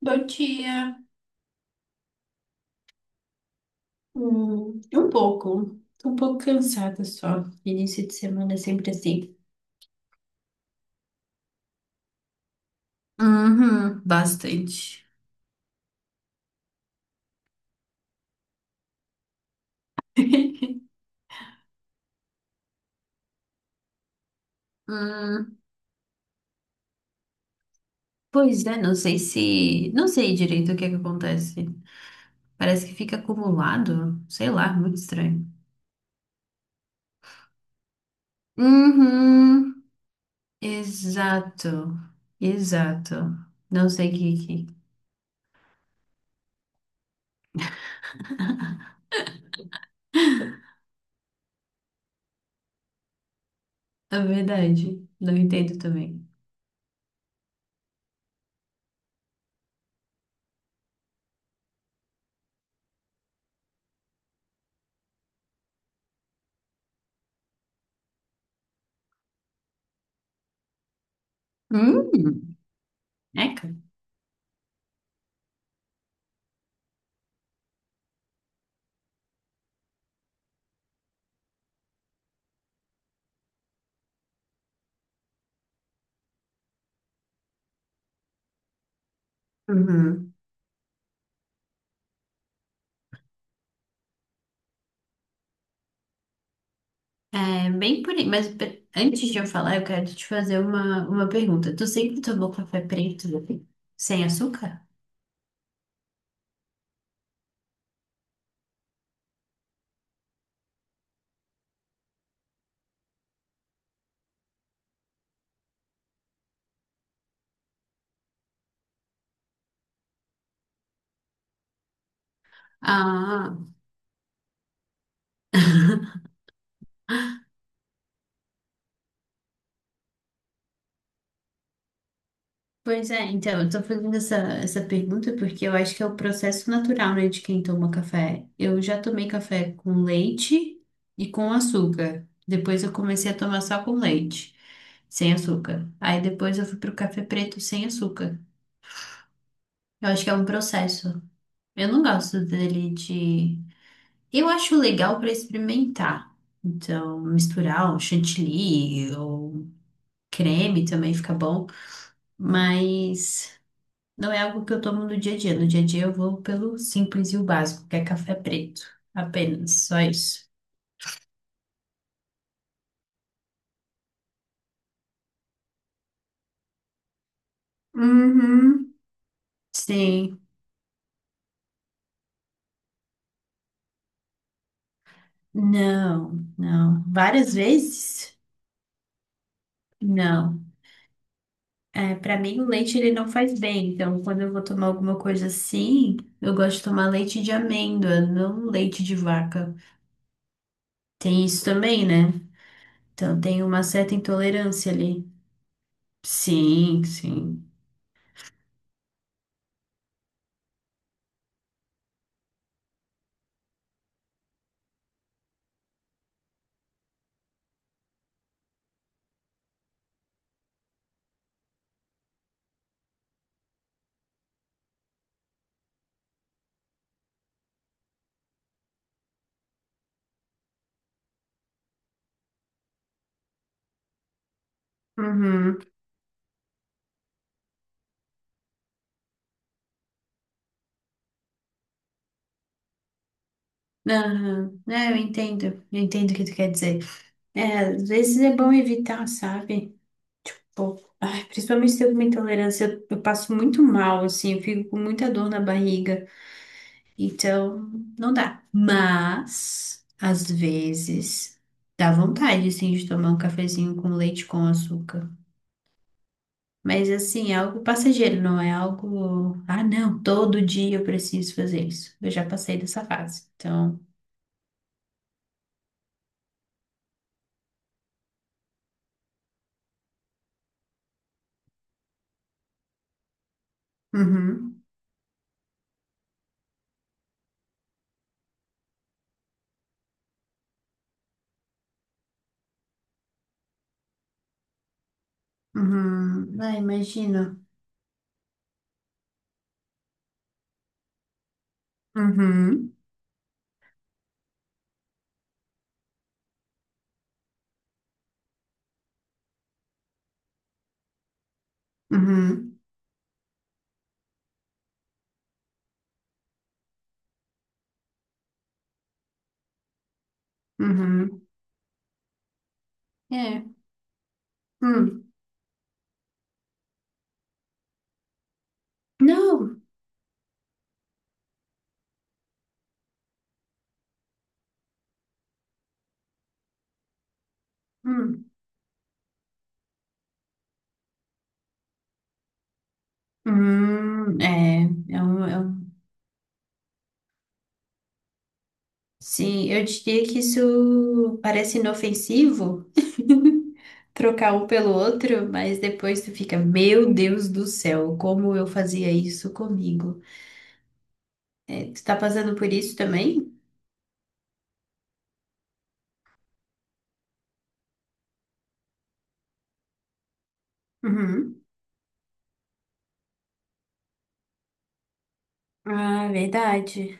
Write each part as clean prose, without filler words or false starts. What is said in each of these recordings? Bom dia. Um pouco. Tô um pouco cansada só. Início de semana é sempre assim. Uhum, bastante. Hum, Pois é, não sei se. Não sei direito o que é que acontece. Parece que fica acumulado. Sei lá, muito estranho. Uhum, exato. Exato. Não sei o que. É verdade. Não entendo também. Hum, Eca. Bem por aí, mas antes de eu falar, eu quero te fazer uma pergunta. Tu sempre tomou café preto sem açúcar? Ah, pois é, então, eu tô fazendo essa pergunta porque eu acho que é o processo natural, né, de quem toma café. Eu já tomei café com leite e com açúcar. Depois eu comecei a tomar só com leite, sem açúcar. Aí depois eu fui pro café preto sem açúcar. Eu acho que é um processo. Eu não gosto dele de. Eu acho legal para experimentar. Então, misturar um chantilly ou creme também fica bom, mas não é algo que eu tomo no dia a dia. No dia a dia eu vou pelo simples e o básico, que é café preto. Apenas, só isso. Uhum, sim. Não, não. Várias vezes? Não. É, para mim o leite ele não faz bem, então quando eu vou tomar alguma coisa assim, eu gosto de tomar leite de amêndoa, não leite de vaca. Tem isso também, né? Então tem uma certa intolerância ali. Sim, sim. Uhum. Aham. É, eu entendo. Eu entendo o que tu quer dizer. É, às vezes é bom evitar, sabe? Pô, ai, principalmente se eu tenho uma intolerância, eu passo muito mal, assim, eu fico com muita dor na barriga. Então, não dá. Mas, às vezes, dá vontade, assim, de tomar um cafezinho com leite com açúcar. Mas assim, é algo passageiro, não é algo, ah, não, todo dia eu preciso fazer isso. Eu já passei dessa fase. Então, uhum, uhum, ah, imagino. Uhum, uhum, uhum. É. Hum. Não. Hum. Hum. É um, é um- Sim, eu diria que isso parece inofensivo. Trocar um pelo outro, mas depois tu fica, meu Deus do céu, como eu fazia isso comigo? É, tu tá passando por isso também? Uhum. Ah, verdade.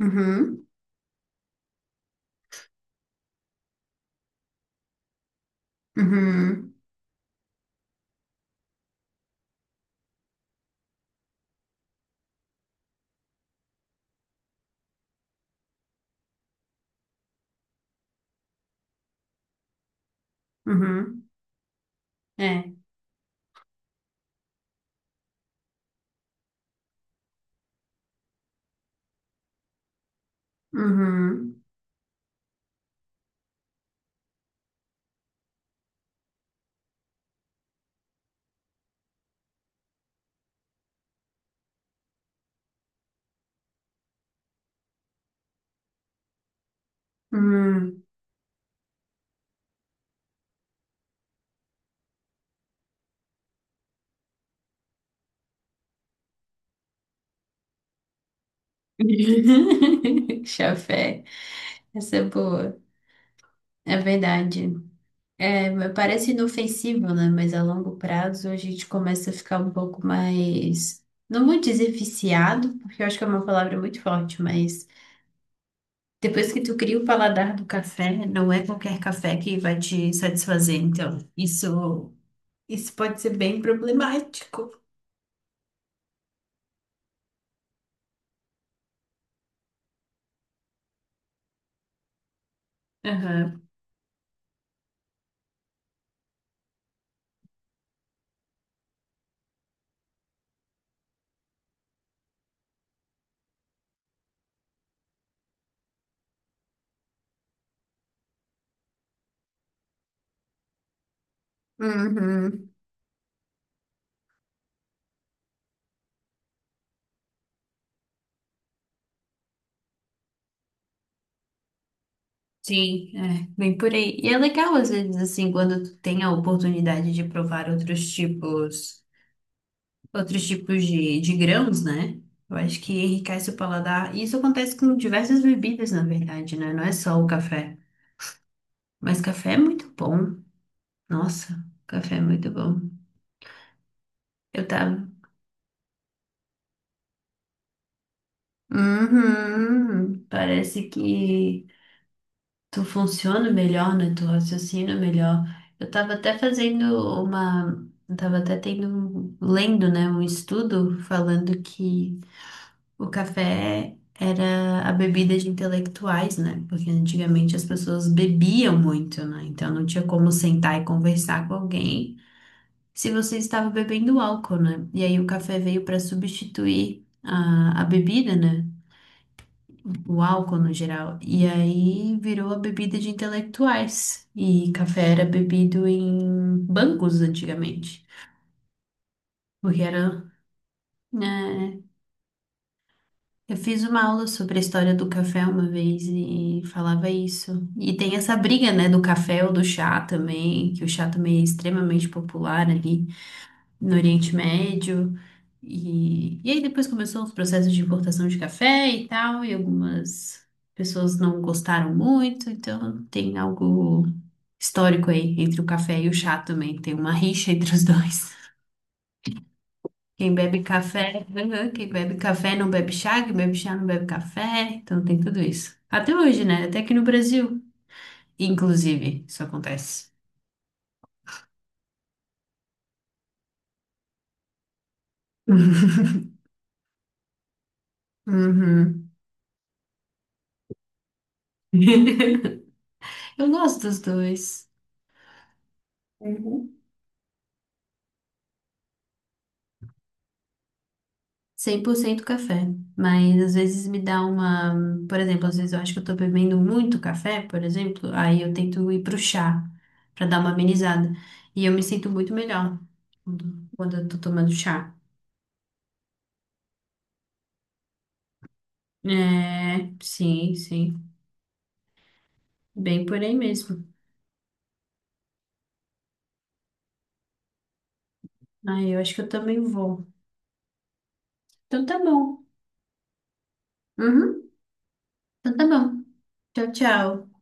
Uhum. Uhum. Uhum. É. Uhum. Uhum. Chafé. Essa é boa. É verdade. É, mas parece inofensivo, né? Mas a longo prazo a gente começa a ficar um pouco mais. Não vou dizer viciado, porque eu acho que é uma palavra muito forte, mas depois que tu cria o paladar do café, não é qualquer café que vai te satisfazer. Então, isso. Isso pode ser bem problemático. Aham. Uhum. Sim, é, bem por aí. E é legal, às vezes, assim, quando tu tem a oportunidade de provar outros tipos de grãos, né? Eu acho que enriquece o paladar. E isso acontece com diversas bebidas, na verdade, né? Não é só o café. Mas café é muito bom. Nossa, café é muito bom. Eu tava. Uhum. Parece que tu funciona melhor, né? Tu raciocina melhor. Eu tava até fazendo uma. Eu tava até tendo. Lendo, né? Um estudo falando que o café era a bebida de intelectuais, né? Porque antigamente as pessoas bebiam muito, né? Então não tinha como sentar e conversar com alguém se você estava bebendo álcool, né? E aí o café veio para substituir a bebida, né? O álcool no geral. E aí virou a bebida de intelectuais. E café era bebido em bancos antigamente. Porque era, né. Eu fiz uma aula sobre a história do café uma vez e falava isso. E tem essa briga, né, do café ou do chá também, que o chá também é extremamente popular ali no Oriente Médio. E aí depois começou os processos de importação de café e tal, e algumas pessoas não gostaram muito, então tem algo histórico aí entre o café e o chá também, tem uma rixa entre os dois. Quem bebe café, quem bebe café não bebe chá, quem bebe chá não bebe café, então tem tudo isso. Até hoje, né? Até aqui no Brasil, inclusive, isso acontece. Uhum. Eu gosto dos dois. Uhum. 100% café, mas às vezes me dá uma, por exemplo, às vezes eu acho que eu tô bebendo muito café, por exemplo, aí eu tento ir pro chá pra dar uma amenizada e eu me sinto muito melhor quando eu tô tomando chá. É, sim, sim, bem por aí mesmo. Aí eu acho que eu também vou. Então tá bom. Uhum, então tá bom. Tchau, tchau.